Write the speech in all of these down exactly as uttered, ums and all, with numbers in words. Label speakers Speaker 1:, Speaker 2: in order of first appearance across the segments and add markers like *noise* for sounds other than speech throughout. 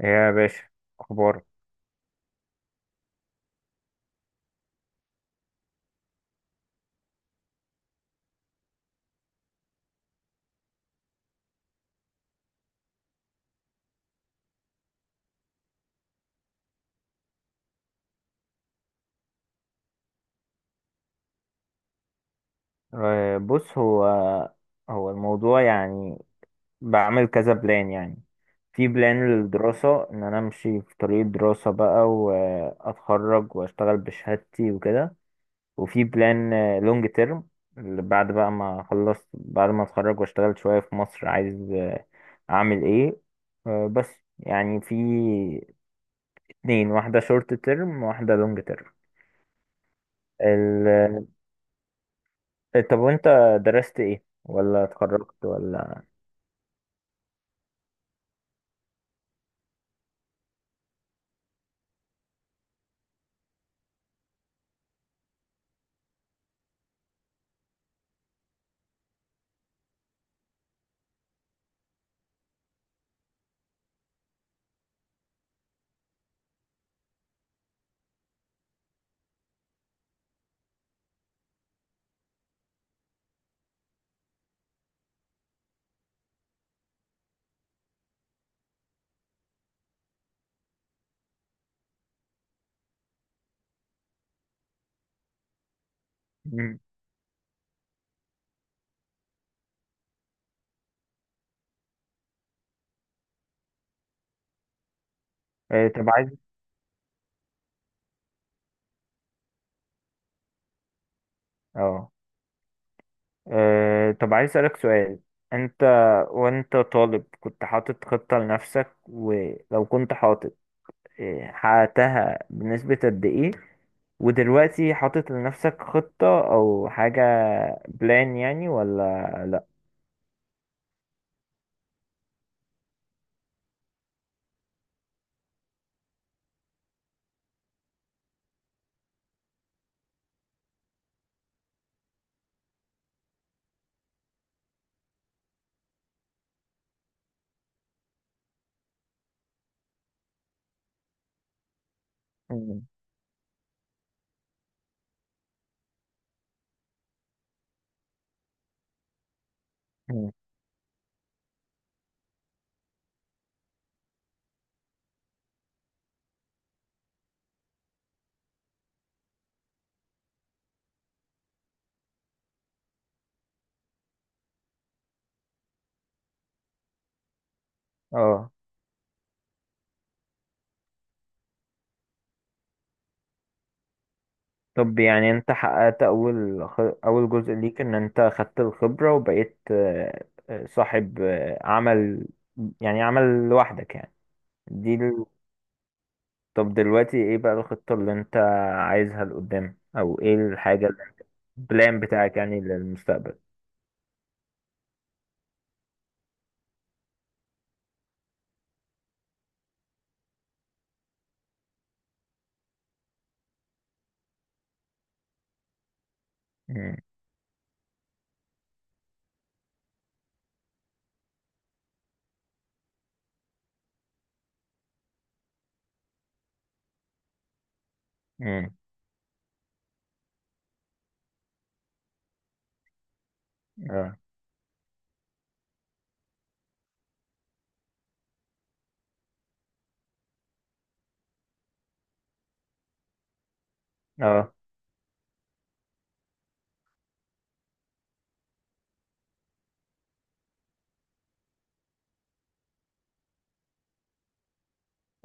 Speaker 1: ايه يا باشا، اخبارك؟ آه، بص، هو هو الموضوع يعني بعمل كذا بلان. يعني في بلان للدراسة ان انا امشي في طريق الدراسة بقى واتخرج واشتغل بشهادتي وكده، وفي بلان لونج تيرم بعد بقى ما اخلص، بعد ما اتخرج واشتغل شوية في مصر عايز آه، اعمل ايه آه، بس يعني في اتنين، واحدة شورت تيرم وواحدة لونج تيرم. إيه، طب وانت درست ايه ولا اتخرجت ولا؟ مم. إيه، طب عايز اه إيه، طب عايز اسالك سؤال، انت وانت طالب كنت حاطط خطة لنفسك؟ ولو كنت حاطط، إيه، حققتها بنسبة قد ايه؟ ودلوقتي حاطط لنفسك خطة او حاجة بلان يعني ولا لا؟ مم. مم. اه طب يعني انت حققت اول خ... اول جزء ليك ان انت خدت الخبرة وبقيت، آه، آه، صاحب آه، عمل، يعني عمل لوحدك يعني. دي ال... طب دلوقتي ايه بقى الخطة اللي انت عايزها لقدام، او ايه الحاجة اللي- البلان بتاعك يعني للمستقبل؟ مم. مم. اه اه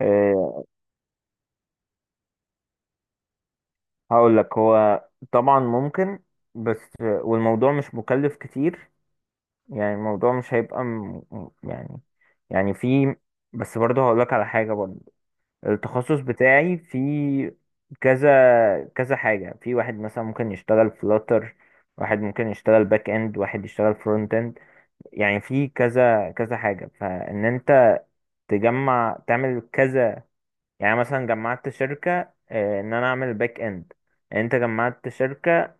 Speaker 1: آه، هقول لك، هو طبعا ممكن، بس والموضوع مش مكلف كتير، يعني الموضوع مش هيبقى م... م- يعني، يعني في، بس برضه هقولك على حاجة برضه. التخصص بتاعي في كذا كذا حاجة، في واحد مثلا ممكن يشتغل فلاتر، واحد ممكن يشتغل باك اند، واحد يشتغل فرونت اند. يعني في كذا كذا حاجة، فإن أنت تجمع تعمل كذا، يعني مثلا جمعت شركة آه، إن أنا أعمل باك اند، أنت جمعت شركة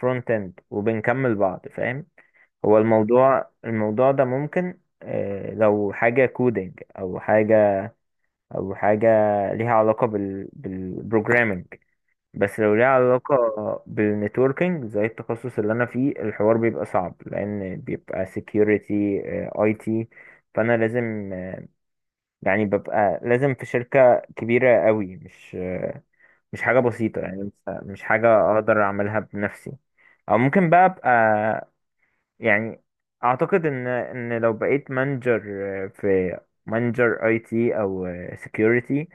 Speaker 1: فرونت اند وبنكمل بعض، فاهم؟ هو الموضوع الموضوع ده ممكن آه، لو حاجة كودينج أو حاجة، أو حاجة ليها علاقة بال بالبروجرامينج. بس لو ليها علاقة بالنتوركينج زي التخصص اللي أنا فيه، الحوار بيبقى صعب، لأن بيبقى security، آه، آي تي، فأنا لازم، آه، يعني ببقى لازم في شركة كبيرة قوي، مش آه، مش حاجة بسيطة، يعني مش مش حاجة أقدر أعملها بنفسي. أو ممكن بقى أبقى، يعني اعتقد ان ان لو بقيت مانجر في، مانجر اي تي او سكيورتي،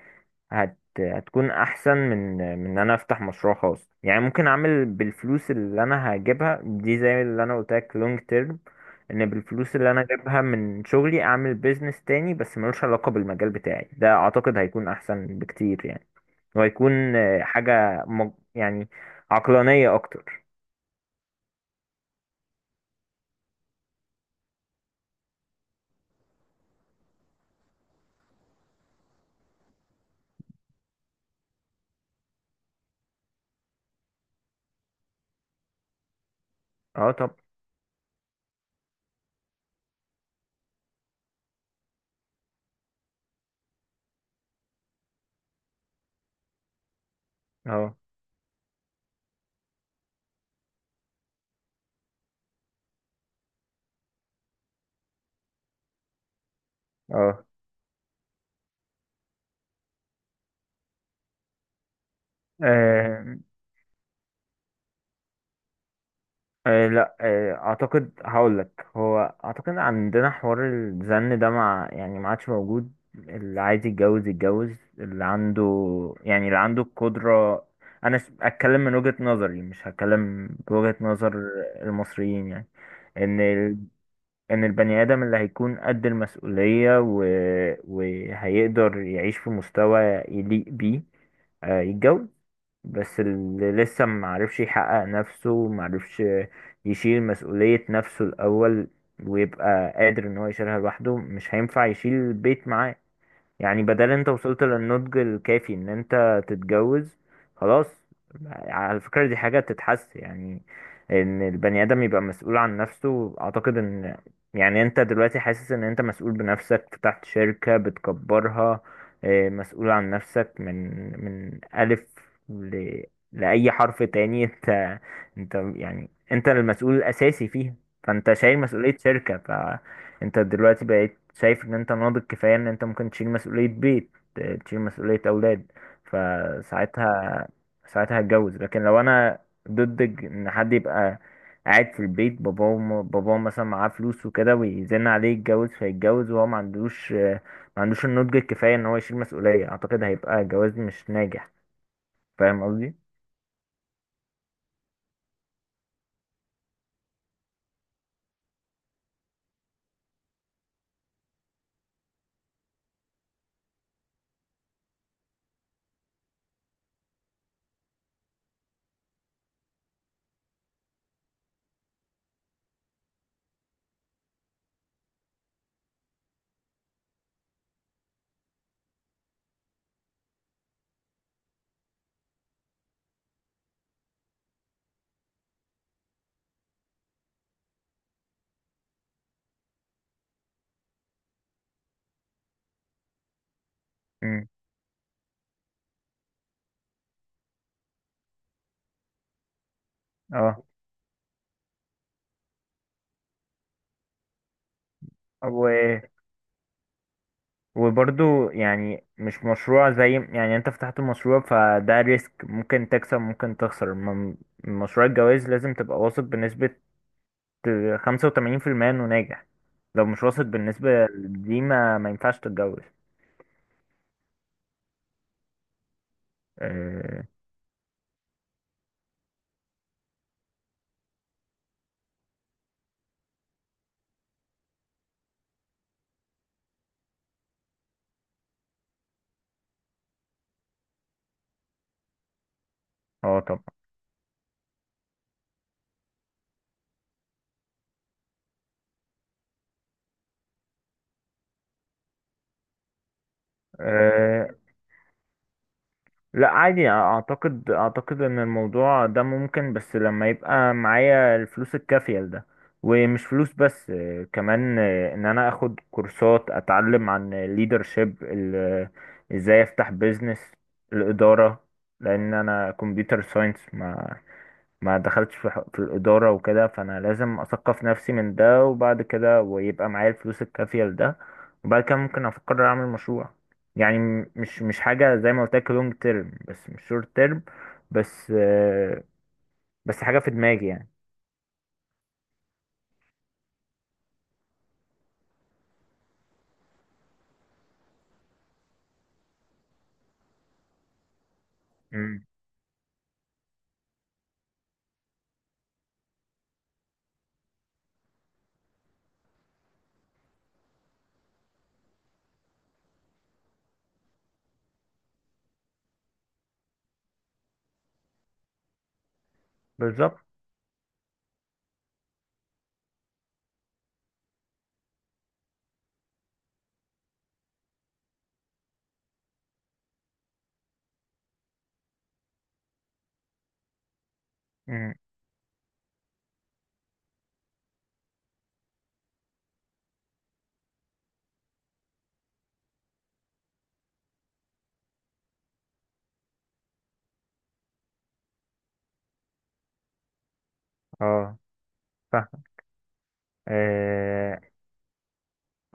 Speaker 1: هت هتكون احسن من من ان انا افتح مشروع خاص. يعني ممكن اعمل بالفلوس اللي انا هجيبها دي، زي اللي انا قلت لك لونج تيرم، ان بالفلوس اللي انا جايبها من شغلي اعمل بيزنس تاني بس ملوش علاقة بالمجال بتاعي ده، اعتقد هيكون احسن بكتير يعني. وهيكون آه، حاجة مج- يعني عقلانية اكتر. اه طب اه اه آه آه لا آه اعتقد، هقول لك، هو اعتقد عندنا حوار الزن ده مع، يعني ما عادش موجود، اللي عايز يتجوز يتجوز، اللي عنده، يعني اللي عنده القدرة. انا س- اتكلم من وجهة نظري، مش هتكلم بوجهة نظر المصريين يعني. ان ال... ان البني ادم اللي هيكون قد المسؤولية و... وهيقدر يعيش في مستوى يليق بيه، آه، يتجوز. بس اللي لسه معرفش يحقق نفسه، معرفش يشيل مسؤولية نفسه الأول ويبقى قادر إن هو يشيلها لوحده، مش هينفع يشيل البيت معاه. يعني بدل انت وصلت للنضج الكافي ان انت تتجوز، خلاص. على فكرة دي حاجة تتحس، يعني ان البني ادم يبقى مسؤول عن نفسه. اعتقد ان، يعني انت دلوقتي حاسس ان انت مسؤول بنفسك، فتحت شركة بتكبرها، اه، مسؤول عن نفسك من، من الف ل... لأي حرف تاني *laughs* انت، انت يعني انت المسؤول الاساسي فيها، فانت شايل مسؤولية شركة. انت دلوقتي بقيت شايف ان انت ناضج كفاية ان انت ممكن تشيل مسؤولية بيت، ت- تشيل مسؤولية اولاد، فساعتها ساعتها هتجوز. لكن لو انا ضد ج- ان حد يبقى قاعد في البيت، باباه وم- باباه مثلا معاه فلوس وكده ويزن عليه يتجوز، فيتجوز وهو ما عندوش، ما عندوش النضج الكفاية ان هو يشيل مسؤولية، اعتقد هيبقى جواز مش ناجح. فاهم قصدي؟ امم اه وبرضو يعني مش مشروع زي، يعني انت فتحت المشروع فده ريسك، ممكن تكسب ممكن تخسر. م- مشروع الجواز لازم تبقى واثق بنسبة خمسة وتمانين في المية انه ناجح. لو مش واثق بالنسبة دي، ما ما ينفعش تتجوز. اه آه طبعا. آه، لا عادي، اعتقد اعتقد ان الموضوع ده ممكن، بس لما يبقى معايا الفلوس الكافية لده. ومش فلوس بس، آه، كمان آه، ان انا اخد كورسات، اتعلم عن leadership، ال- ازاي افتح بيزنس، الادارة، لان انا كمبيوتر ساينس، ما دخلتش في ح- في الإدارة وكده، فأنا لازم أثقف نفسي من ده، وبعد كده ويبقى معايا الفلوس الكافية لده، وبعد كده ممكن أفكر أعمل مشروع. يعني م- مش مش حاجة، زي ما قلت لك لونج تيرم بس مش شورت تيرم. بس آه، بس حاجة في دماغي يعني. مم. بالظبط. مم. اه فاهم. آه،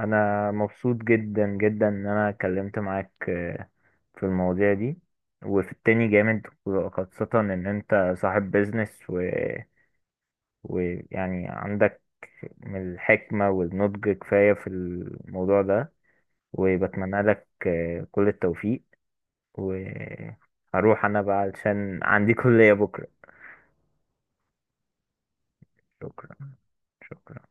Speaker 1: أنا مبسوط جدا جدا إن أنا اتكلمت معاك آه، في المواضيع دي، وفي التاني جامد، خاصة إن أنت صاحب بيزنس و، ويعني عندك من الحكمة والنضج كفاية في الموضوع ده. وبتمنى لك آه، كل التوفيق. وهروح أنا بقى علشان عندي *laughs* كلية بكرة. شكرا. شكرا.